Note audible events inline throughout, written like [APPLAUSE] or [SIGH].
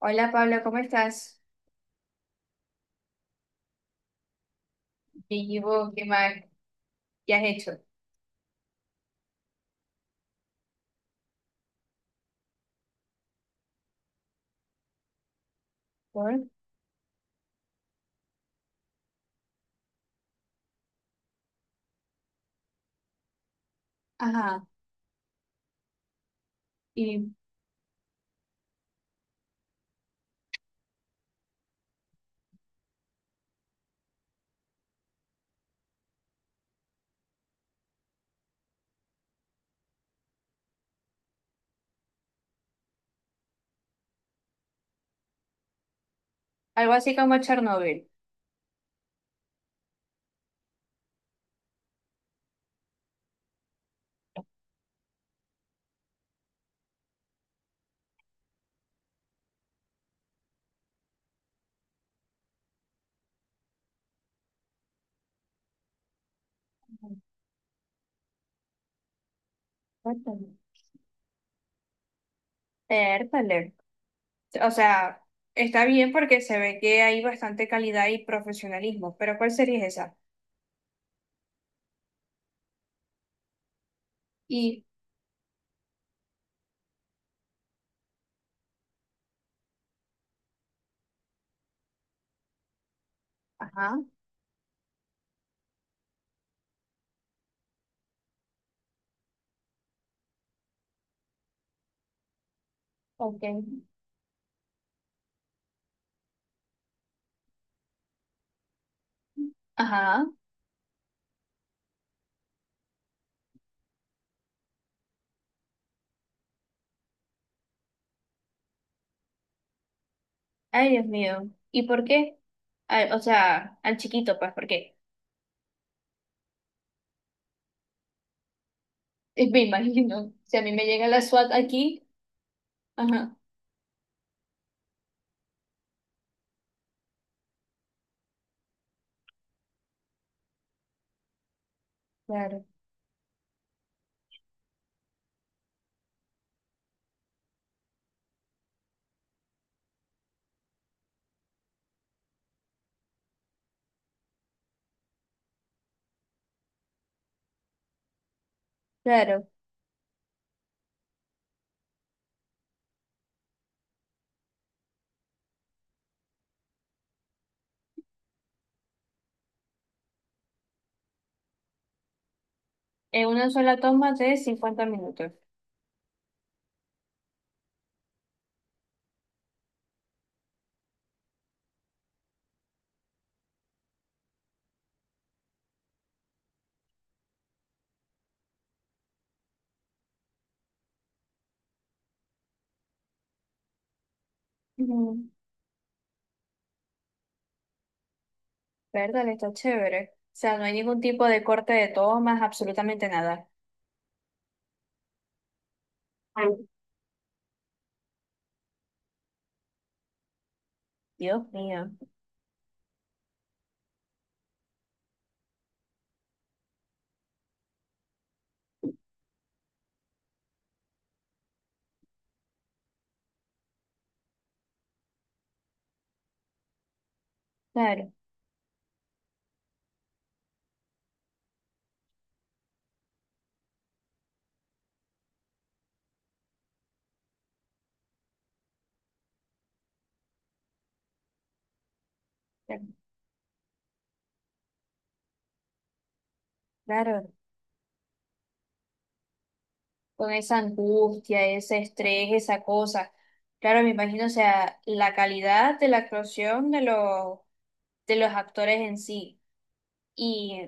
Hola Pablo, ¿cómo estás? Vivo, ¿qué más? ¿Qué has hecho? Por ajá, y algo así como Chernobyl. Cuéntame. Pértale. O sea, está bien porque se ve que hay bastante calidad y profesionalismo, pero ¿cuál sería esa? Y, ajá, ok, ajá, ay Dios mío, ¿y por qué? Ay, o sea, al chiquito, pues, ¿por qué? [LAUGHS] Me imagino, si a mí me llega la SWAT aquí, ajá, claro. Claro. En una sola toma de 50 minutos. Ujú. Verdad, está chévere. O sea, no hay ningún tipo de corte de tomas, absolutamente nada. Ay. Dios mío. Claro, claro, claro. Con esa angustia, ese estrés, esa cosa. Claro, me imagino, o sea, la calidad de la actuación de los actores en sí. Y,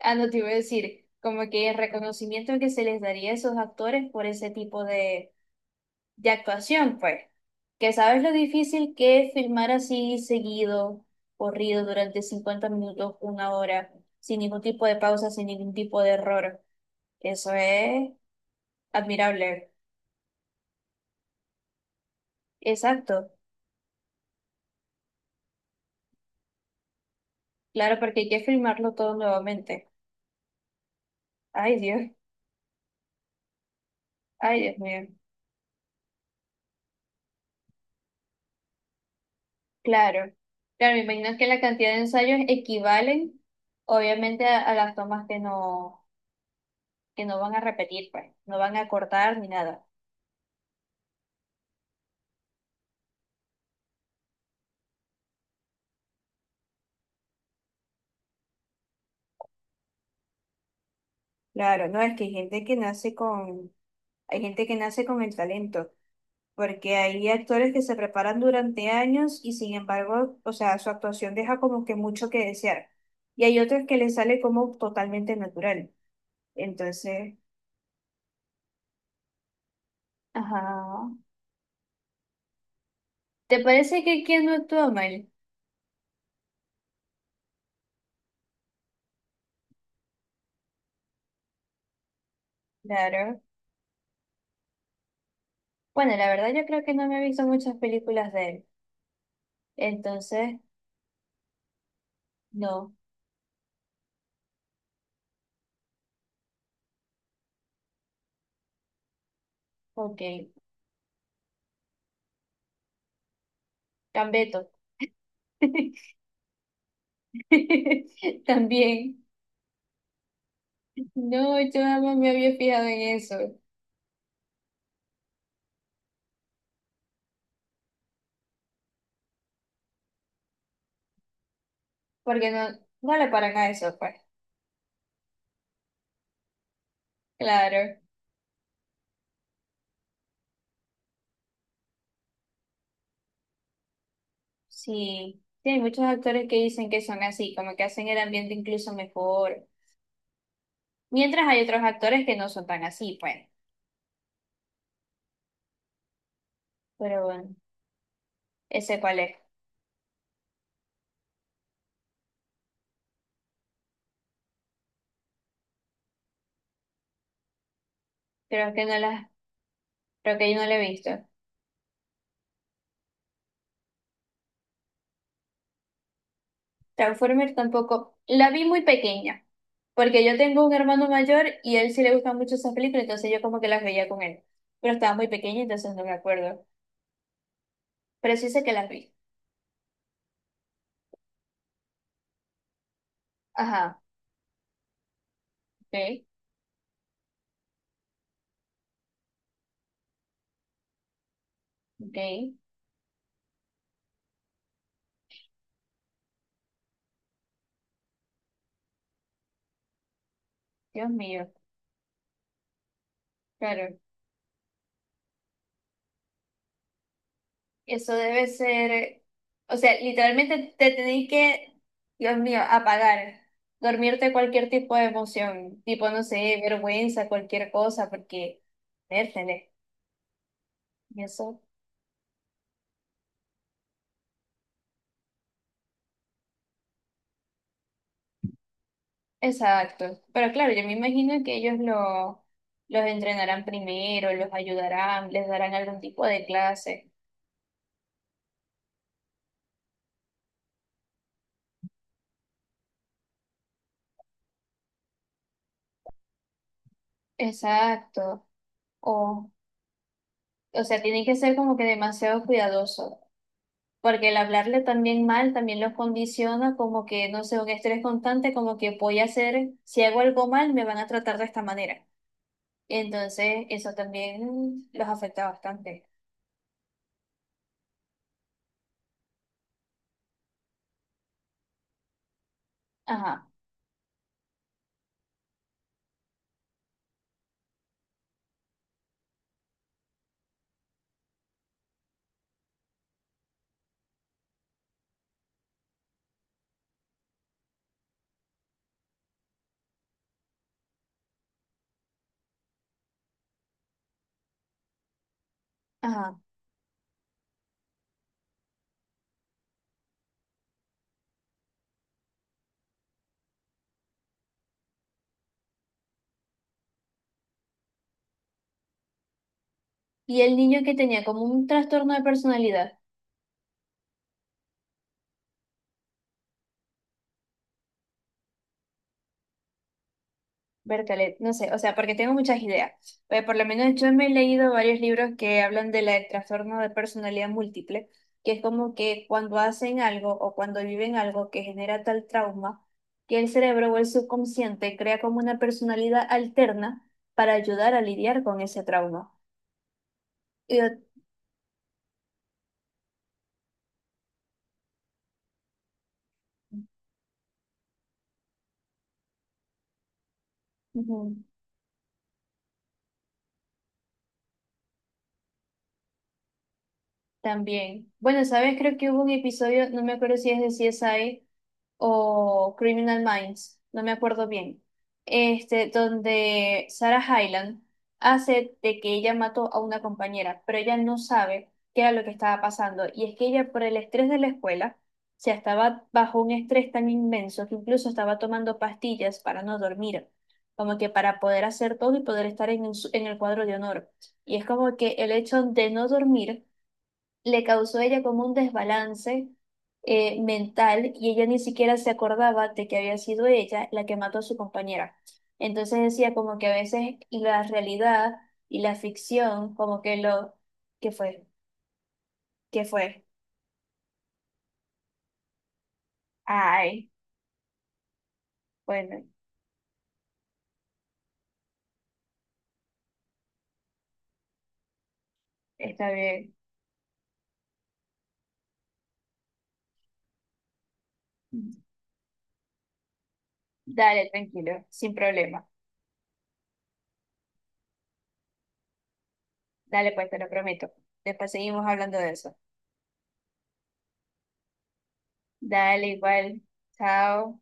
ah, no te iba a decir, como que el reconocimiento que se les daría a esos actores por ese tipo de actuación, pues, que sabes lo difícil que es filmar así seguido, corrido durante 50 minutos, una hora, sin ningún tipo de pausa, sin ningún tipo de error. Eso es admirable. Exacto. Claro, porque hay que filmarlo todo nuevamente. Ay, Dios. Ay, Dios mío. Claro. Claro, me imagino que la cantidad de ensayos equivalen, obviamente, a las tomas que no van a repetir, pues, no van a cortar ni nada. Claro, no, es que hay gente que nace con, hay gente que nace con el talento, porque hay actores que se preparan durante años y sin embargo, o sea, su actuación deja como que mucho que desear. Y hay otros que les sale como totalmente natural. Entonces, ajá. ¿Te parece que Keanu actúa mal? Claro. Bueno, la verdad yo creo que no me he visto muchas películas de él. Entonces, no. Ok. Cambeto. [LAUGHS] También. No, yo jamás me había fijado en eso. Porque no, no le paran a eso, pues. Claro, sí. Sí, hay muchos actores que dicen que son así, como que hacen el ambiente incluso mejor. Mientras hay otros actores que no son tan así, pues. Pero bueno, ese cuál es. Creo que no la, creo que yo no la he visto. Transformers tampoco. La vi muy pequeña, porque yo tengo un hermano mayor y a él sí le gustan mucho esas películas, entonces yo como que las veía con él. Pero estaba muy pequeña, entonces no me acuerdo. Pero sí sé que las vi. Ajá, ok, ok. Dios mío, claro. Eso debe ser, o sea, literalmente te tenés que, Dios mío, apagar, dormirte cualquier tipo de emoción, tipo, no sé, vergüenza, cualquier cosa, porque, vértele, y eso. Exacto. Pero claro, yo me imagino que ellos lo, los entrenarán primero, los ayudarán, les darán algún tipo de clase. Exacto. O, o sea, tienen que ser como que demasiado cuidadosos. Porque el hablarle también mal también los condiciona como que, no sé, un estrés constante, como que voy a hacer, si hago algo mal, me van a tratar de esta manera. Entonces, eso también los afecta bastante. Ajá, ajá. Y el niño que tenía como un trastorno de personalidad. Bertalet, no sé, o sea, porque tengo muchas ideas. Por lo menos yo me he leído varios libros que hablan de la- del trastorno de personalidad múltiple, que es como que cuando hacen algo o cuando viven algo que genera tal trauma, que el cerebro o el subconsciente crea como una personalidad alterna para ayudar a lidiar con ese trauma. Y ot- ujú, también. Bueno, ¿sabes? Creo que hubo un episodio, no me acuerdo si es de CSI, o Criminal Minds, no me acuerdo bien, este, donde Sarah Hyland hace de que ella mató a una compañera, pero ella no sabe qué era lo que estaba pasando. Y es que ella, por el estrés de la escuela, o sea, estaba bajo un estrés tan inmenso que incluso estaba tomando pastillas para no dormir, como que para poder hacer todo y poder estar en, el su- en el cuadro de honor. Y es como que el hecho de no dormir le causó a ella como un desbalance mental y ella ni siquiera se acordaba de que había sido ella la que mató a su compañera. Entonces decía como que a veces la realidad y la ficción, como que lo que fue, que fue. Ay, bueno, está bien. Dale, tranquilo, sin problema. Dale, pues te lo prometo. Después seguimos hablando de eso. Dale, igual. Chao.